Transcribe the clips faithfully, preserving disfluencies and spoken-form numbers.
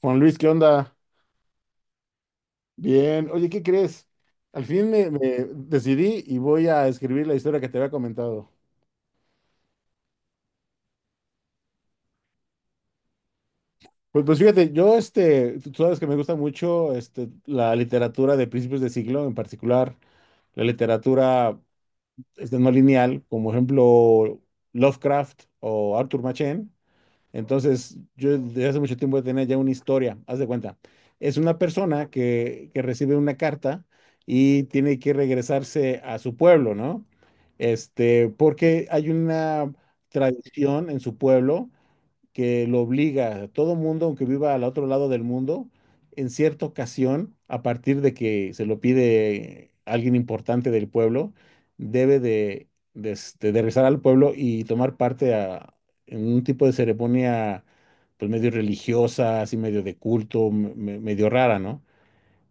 Juan Luis, ¿qué onda? Bien. Oye, ¿qué crees? Al fin me, me decidí y voy a escribir la historia que te había comentado. Pues, pues fíjate, yo, este, tú tú sabes que me gusta mucho este, la literatura de principios de siglo, en particular la literatura este, no lineal, como ejemplo Lovecraft o Arthur Machen. Entonces, yo desde hace mucho tiempo tenía ya una historia, haz de cuenta. Es una persona que, que recibe una carta y tiene que regresarse a su pueblo, ¿no? Este, porque hay una tradición en su pueblo que lo obliga a todo mundo, aunque viva al otro lado del mundo, en cierta ocasión, a partir de que se lo pide alguien importante del pueblo, debe de, de, este, de regresar al pueblo y tomar parte a, en un tipo de ceremonia, pues medio religiosa, así medio de culto, me- me- medio rara, ¿no?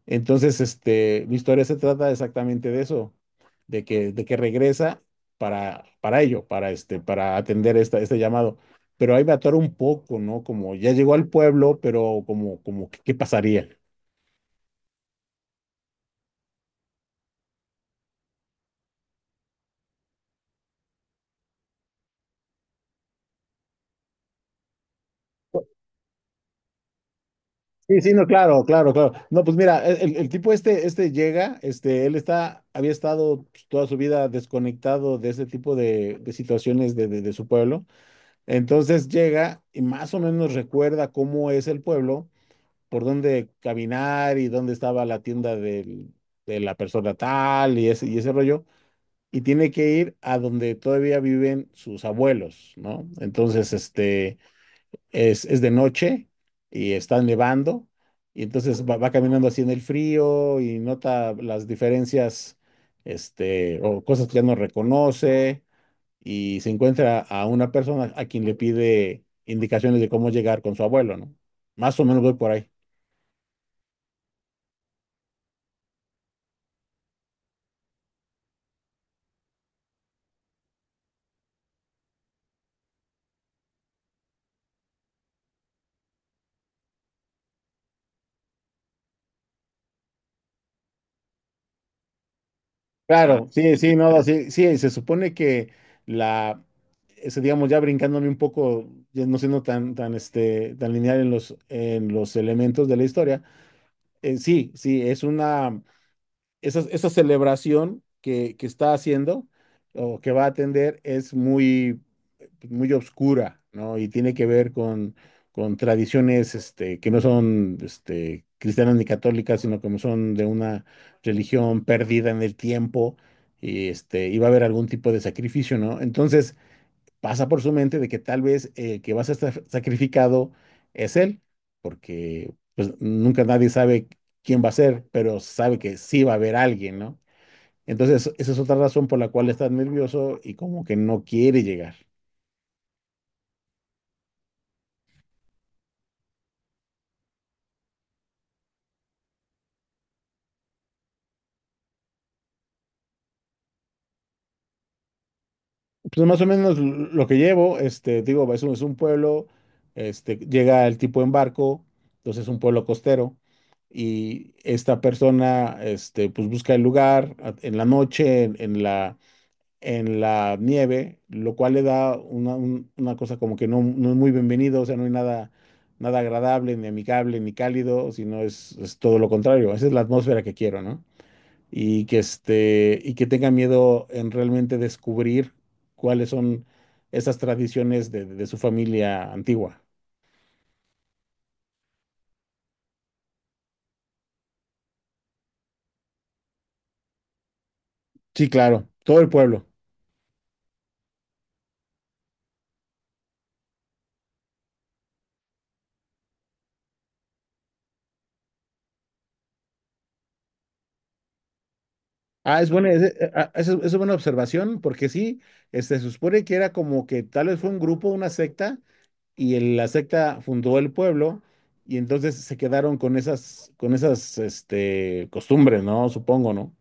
Entonces, este, mi historia se trata exactamente de eso, de que, de que regresa para, para ello, para, este, para atender esta, este llamado. Pero ahí me atoro un poco, ¿no? Como ya llegó al pueblo, pero como, como, ¿qué qué pasaría? Sí, sí, no, claro, claro, claro. No, pues mira, el, el- tipo este, este llega, este, él está, había estado pues, toda su vida desconectado de ese tipo de, de situaciones de, de, de su pueblo. Entonces llega y más o menos recuerda cómo es el pueblo, por dónde caminar y dónde estaba la tienda del- de la persona tal y ese, y ese rollo. Y tiene que ir a donde todavía viven sus abuelos, ¿no? Entonces, este, es, es de noche y está nevando. Y entonces va, va caminando así en el frío y nota las diferencias, este, o cosas que ya no reconoce y se encuentra a una persona a quien le pide indicaciones de cómo llegar con su abuelo, ¿no? Más o menos voy por ahí. Claro, sí, sí, no, sí, sí, se supone que la, ese, digamos, ya brincándome un poco, ya no siendo tan, tan, este, tan lineal en los, en los elementos de la historia, eh, sí, sí, es una, esa, esa celebración que, que está haciendo o que va a atender es muy pues, muy oscura, ¿no? Y tiene que ver con, con tradiciones este, que no son este, cristianas ni católicas, sino que son de una religión perdida en el tiempo y este, iba a haber algún tipo de sacrificio, ¿no? Entonces pasa por su mente de que tal vez el que va a ser sa- sacrificado es él, porque pues nunca nadie sabe quién va a ser, pero sabe que sí va a haber alguien, ¿no? Entonces, esa es otra razón por la cual está nervioso y como que no quiere llegar. Pues más o menos lo que llevo, este, digo, es un, es un pueblo, este, llega el tipo en barco, entonces es un pueblo costero, y esta persona, este, pues busca el lugar a- en la noche, en, en la, en la nieve, lo cual le da una, un- una cosa como que no, no es muy bienvenido, o sea, no hay nada, nada agradable, ni amigable, ni cálido, sino es, es todo lo contrario, esa es la atmósfera que quiero, ¿no? Y que este y que tenga miedo en realmente descubrir cuáles son esas tradiciones de, de su familia antigua. Sí, claro, todo el pueblo. Ah, es buena, es, eh, ah, ah, esa es- es buena observación, porque sí, este, se supone que era como que tal vez fue un grupo, una secta, y el- la secta fundó el pueblo, y entonces se quedaron con esas, con esas, este, costumbres, ¿no? Supongo, ¿no?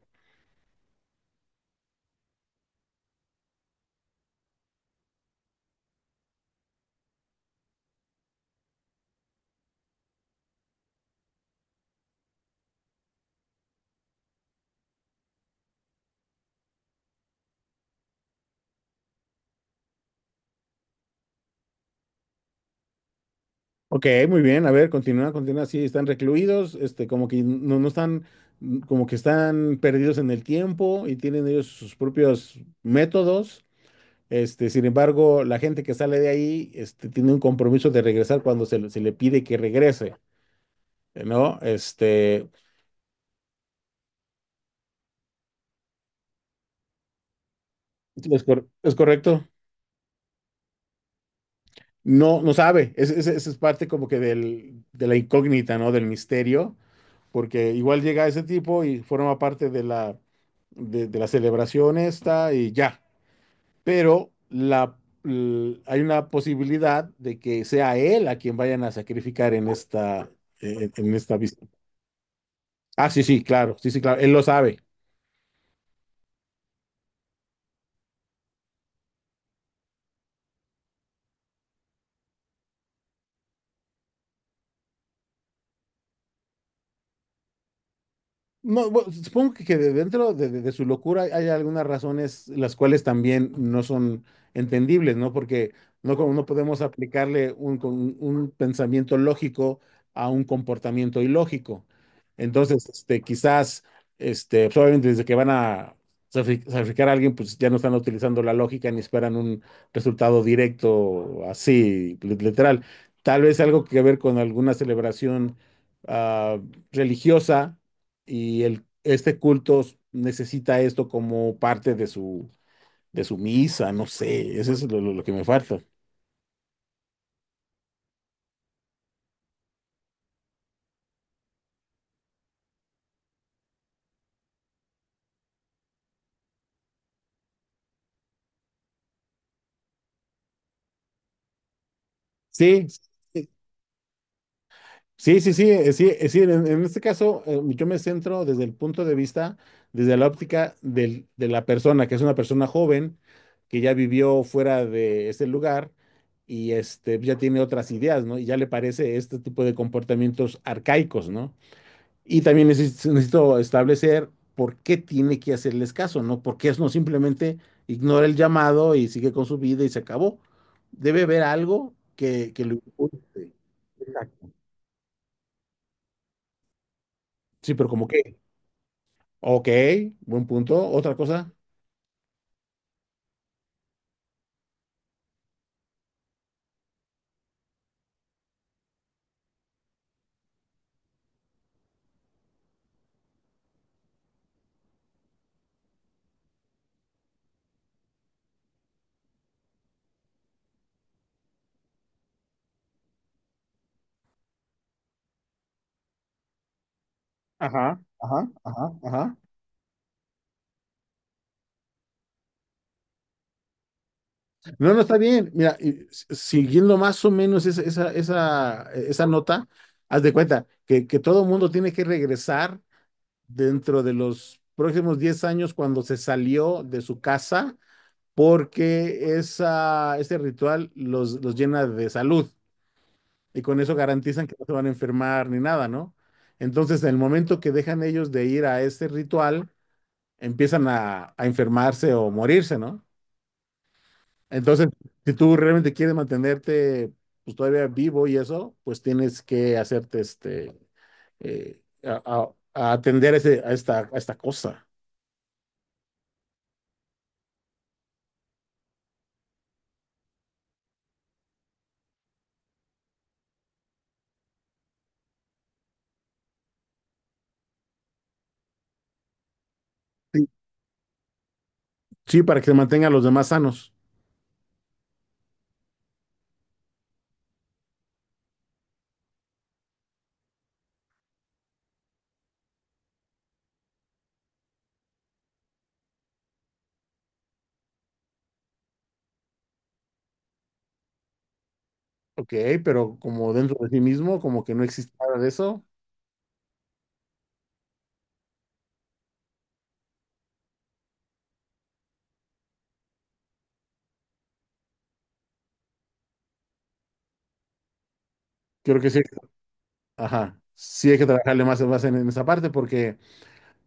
Ok, muy bien. A ver, continúa, continúa. Sí, están recluidos, este, como que no, no están, mm, como que están perdidos en el tiempo y tienen ellos sus propios métodos. Este, sin embargo, la gente que sale de ahí, este, tiene un compromiso de regresar cuando se, le se le pide que regrese, ¿no? Este, es, cor- es correcto. No, no sabe. Es, es, es parte como que del, de la incógnita, ¿no? Del misterio. Porque igual llega ese tipo y forma parte de la, de, de la celebración esta y ya. Pero la, l- hay una posibilidad de que sea él a quien vayan a sacrificar en esta, en, en esta vista. Ah, sí, sí, claro, sí, sí, claro, él lo sabe. No, bueno, supongo que, que de- dentro de, de- de su locura hay, hay algunas razones las cuales también no son entendibles, ¿no? Porque no, como no podemos aplicarle un, con- un pensamiento lógico a un comportamiento ilógico. Entonces, este, quizás, este, pues, obviamente desde que van a sacrifi- sacrificar a alguien, pues ya no están utilizando la lógica ni esperan un resultado directo así, li- literal. Tal vez algo que ver con alguna celebración ah, religiosa y el, este culto necesita esto como parte de su, de su misa, no sé, eso es lo, lo- lo que me falta. Sí, sí, sí, sí, eh, sí, eh, sí, en, en este caso eh, yo me centro desde el punto de vista, desde la óptica del- de la persona, que es una persona joven que ya vivió fuera de ese lugar y este, ya tiene otras ideas, ¿no? Y ya le parece este tipo de comportamientos arcaicos, ¿no? Y también neces- necesito establecer por qué tiene que hacerles caso, ¿no? Porque es no simplemente ignora el llamado y sigue con su vida y se acabó. Debe haber algo que, que lo impulse. Exacto. Sí, pero como que, ok, buen punto. Otra cosa. Ajá, ajá, ajá, ajá. No, no está bien. Mira, y s- siguiendo más o menos esa, esa, esa, e-, esa nota, haz de cuenta que, que todo mundo tiene que regresar dentro de los próximos diez años cuando se salió de su casa porque esa, ese ritual los, los llena de salud y con eso garantizan que no se van a enfermar ni nada, ¿no? Entonces, en el momento que dejan ellos de ir a ese ritual, empiezan a, a enfermarse o morirse, ¿no? Entonces, si tú realmente quieres mantenerte pues, todavía vivo y eso, pues tienes que hacerte este, eh, a, a- a atender ese- a esta, a esta cosa. Sí, para que se mantengan los demás sanos. Ok, pero como dentro de sí mismo, como que no existe nada de eso, creo que sí. Ajá, sí hay que trabajarle más, más en, en esa parte porque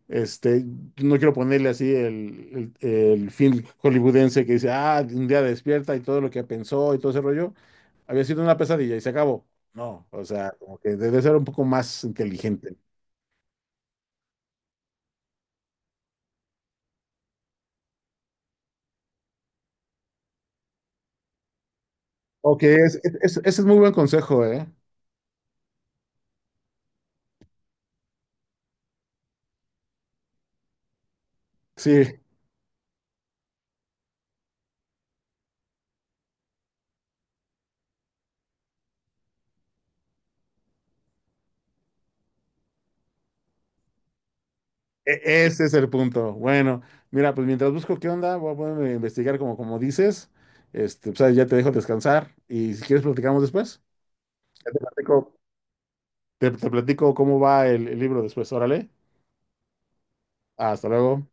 este, no quiero ponerle así el, el, el film hollywoodense que dice, ah, un día despierta y todo lo que pensó y todo ese rollo, había sido una pesadilla y se acabó. No, o sea, como que debe ser un poco más inteligente. Ok, es- es- ese es muy buen consejo, ¿eh? Sí. E- Ese es el punto. Bueno, mira, pues mientras busco qué onda, voy a ponerme a investigar como, como dices. Este, pues, ahí ya te dejo descansar y si quieres platicamos después. Ya te platico, te, te platico cómo va el, el libro después. Órale, hasta luego.